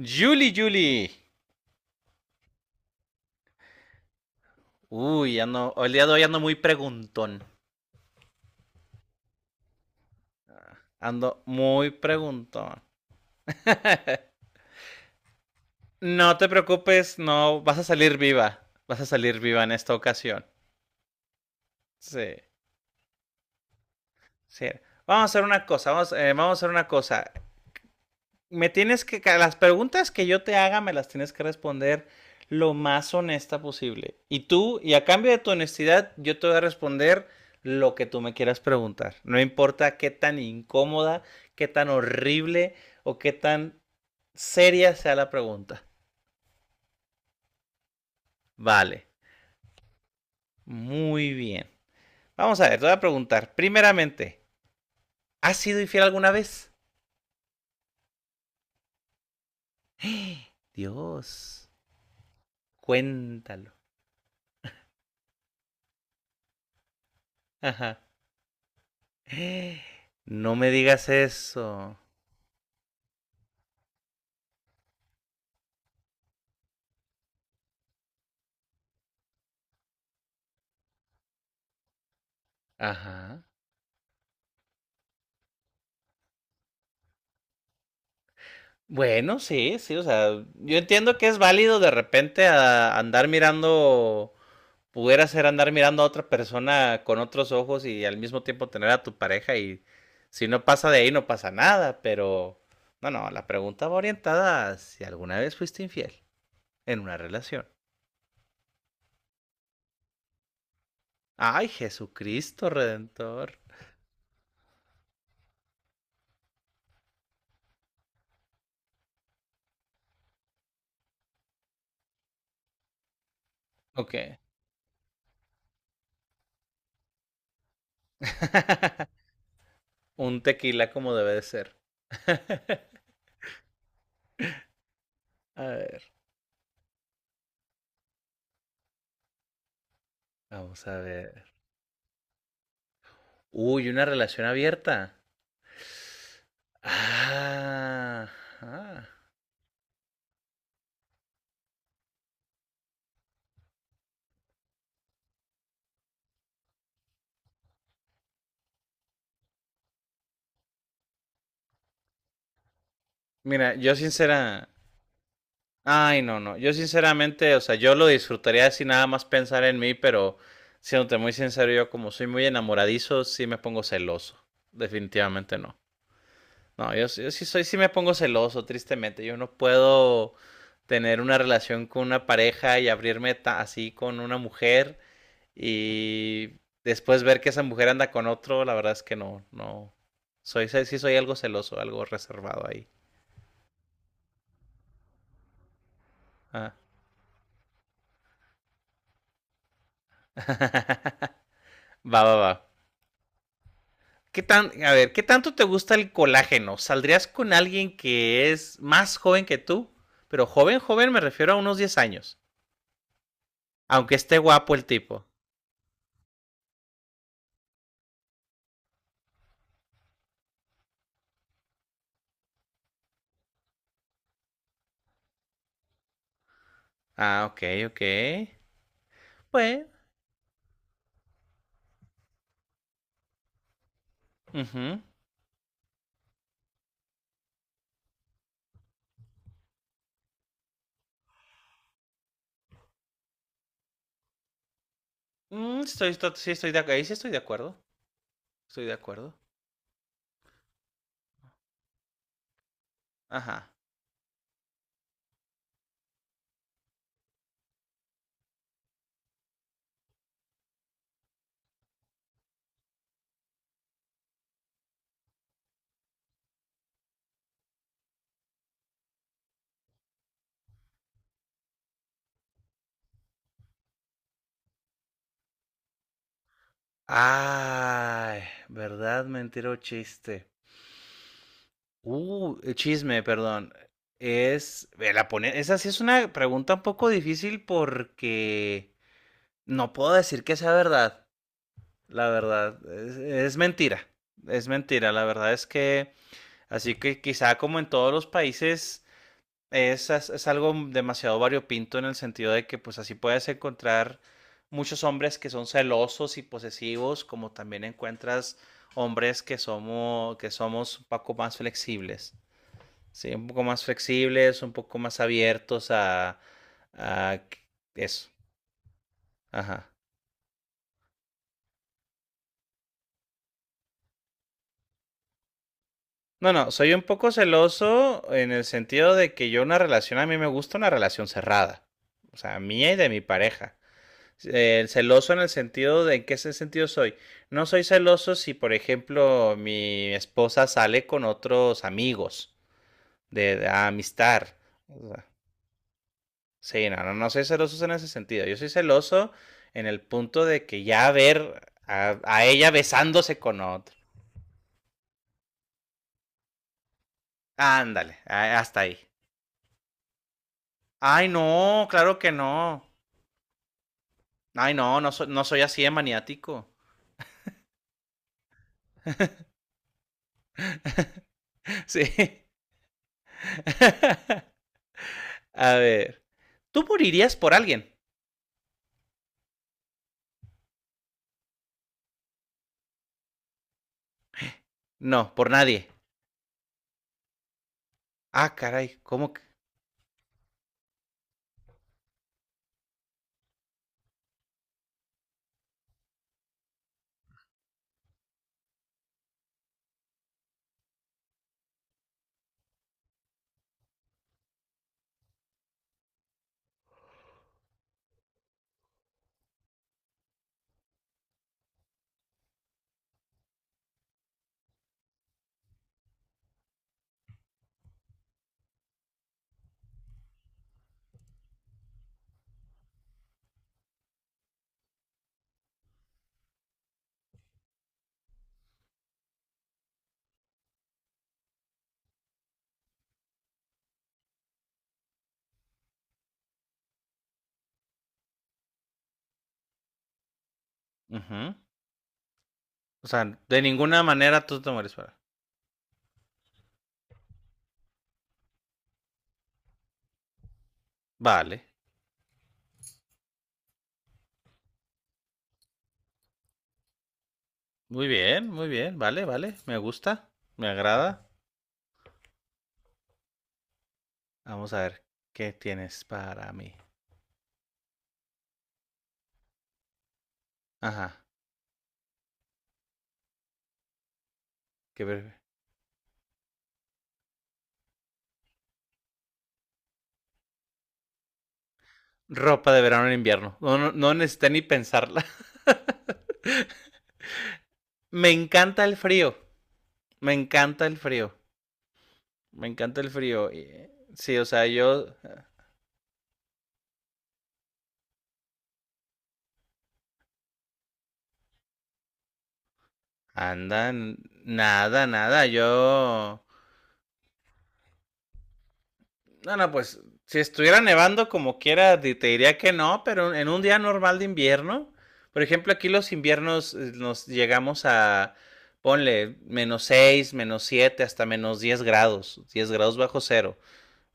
Julie, Julie. Uy, el día de hoy ando muy preguntón. Ando muy preguntón. No te preocupes, no, vas a salir viva. Vas a salir viva en esta ocasión. Sí, sí. Vamos a hacer una cosa, vamos a hacer una cosa. Las preguntas que yo te haga me las tienes que responder lo más honesta posible. Y tú, y a cambio de tu honestidad, yo te voy a responder lo que tú me quieras preguntar. No importa qué tan incómoda, qué tan horrible o qué tan seria sea la pregunta. Vale, muy bien. Vamos a ver, te voy a preguntar. Primeramente, ¿has sido infiel alguna vez? Dios, cuéntalo. Ajá. No me digas eso. Ajá. Bueno, sí, sí, o sea, yo entiendo que es válido de repente andar mirando, pudiera ser andar mirando a otra persona con otros ojos y al mismo tiempo tener a tu pareja y si no pasa de ahí no pasa nada, pero no, no, la pregunta va orientada a si alguna vez fuiste infiel en una relación. Ay, Jesucristo Redentor. Ok, un tequila como debe de ser. A ver, vamos a ver. Uy, una relación abierta. Ajá. Mira, yo sincera. Ay, no, no. Yo sinceramente, o sea, yo lo disfrutaría sin nada más pensar en mí, pero siéndote muy sincero, yo como soy muy enamoradizo, sí me pongo celoso. Definitivamente no. No, yo, sí, yo sí soy, sí me pongo celoso, tristemente. Yo no puedo tener una relación con una pareja y abrirme así con una mujer. Y después ver que esa mujer anda con otro, la verdad es que no, no. Soy, sí sí soy algo celoso, algo reservado ahí. Ah, va, va, va. A ver, ¿qué tanto te gusta el colágeno? ¿Saldrías con alguien que es más joven que tú? Pero joven, joven me refiero a unos 10 años. Aunque esté guapo el tipo. Ah, ok, ok. Bueno. Ujú. Sí, ahí sí estoy de acuerdo. Estoy de acuerdo. Ajá. Ay, verdad, mentira o chiste. El chisme, perdón. Esa sí es una pregunta un poco difícil porque no puedo decir que sea verdad. La verdad, es mentira. Es mentira. La verdad es que, así que quizá como en todos los países, es algo demasiado variopinto en el sentido de que pues así puedes encontrar muchos hombres que son celosos y posesivos, como también encuentras hombres que somos un poco más flexibles. Sí, un poco más flexibles, un poco más abiertos a que- eso. Ajá. No, no, soy un poco celoso en el sentido de que yo una relación, a mí me gusta una relación cerrada. O sea, mía y de mi pareja. Celoso en el sentido de, ¿en qué ese sentido soy? No soy celoso si, por ejemplo, mi esposa sale con otros amigos de amistad. Sí, no, no, no soy celoso en ese sentido. Yo soy celoso en el punto de que ya ver a ella besándose con otro. Ándale, hasta ahí. Ay, no, claro que no. Ay, no, no, no soy así de maniático. Sí. A ver. ¿Tú morirías por alguien? No, por nadie. Ah, caray, ¿cómo que? Ujú. O sea, de ninguna manera tú te mueres por. Vale. Muy bien, muy bien. Vale, vale. Me gusta. Me agrada. Vamos a ver qué tienes para mí. Ajá. Qué ver- Ropa de verano en invierno. No, no, no necesité ni pensarla. Me encanta el frío. Me encanta el frío. Me encanta el frío. Sí, o sea, yo. Anda, nada, nada. Yo. No, no, pues si estuviera nevando como quiera, te diría que no, pero en un día normal de invierno, por ejemplo, aquí los inviernos nos llegamos a, ponle, -6, -7, hasta -10 grados, 10 grados bajo cero.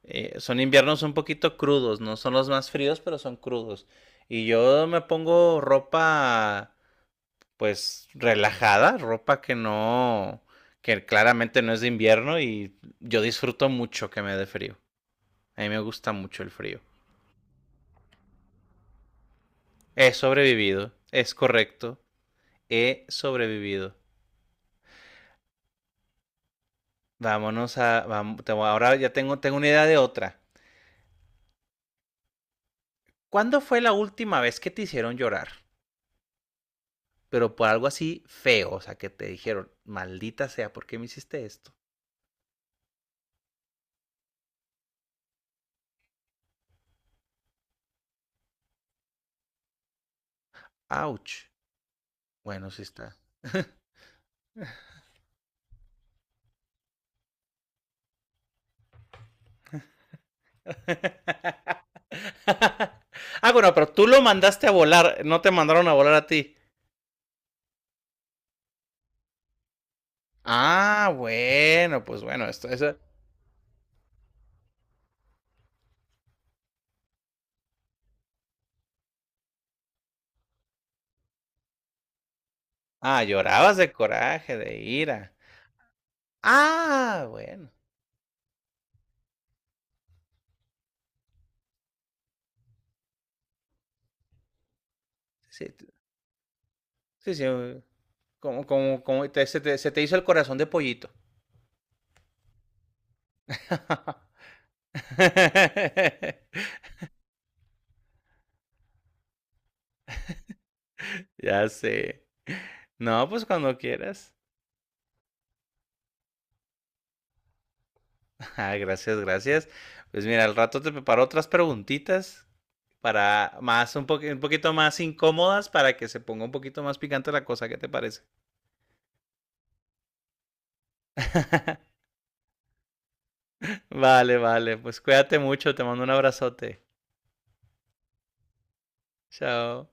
Son inviernos un poquito crudos, no son los más fríos, pero son crudos. Y yo me pongo ropa, pues, relajada, ropa que claramente no es de invierno y yo disfruto mucho que me dé frío. A mí me gusta mucho el frío. He sobrevivido, es correcto. He sobrevivido. Vámonos a... vam- te Ahora ya tengo una idea de otra. ¿Cuándo fue la última vez que te hicieron llorar? Pero por algo así feo, o sea, que te dijeron, maldita sea, ¿por qué me hiciste esto? Ouch. Bueno, sí está. Ah, bueno, pero tú lo mandaste a volar, no te mandaron a volar a ti. Ah, bueno, pues bueno, esto, eso... Ah, llorabas de coraje, de ira. Ah, bueno. Sí, sí, sí. Como se te hizo el corazón de pollito. Ya sé. No, pues cuando quieras. Ah, gracias, gracias. Pues mira, al rato te preparo otras preguntitas para más un poquito más incómodas para que se ponga un poquito más picante la cosa, ¿qué te parece? Vale, vale. Pues cuídate mucho, te mando un abrazote. Chao.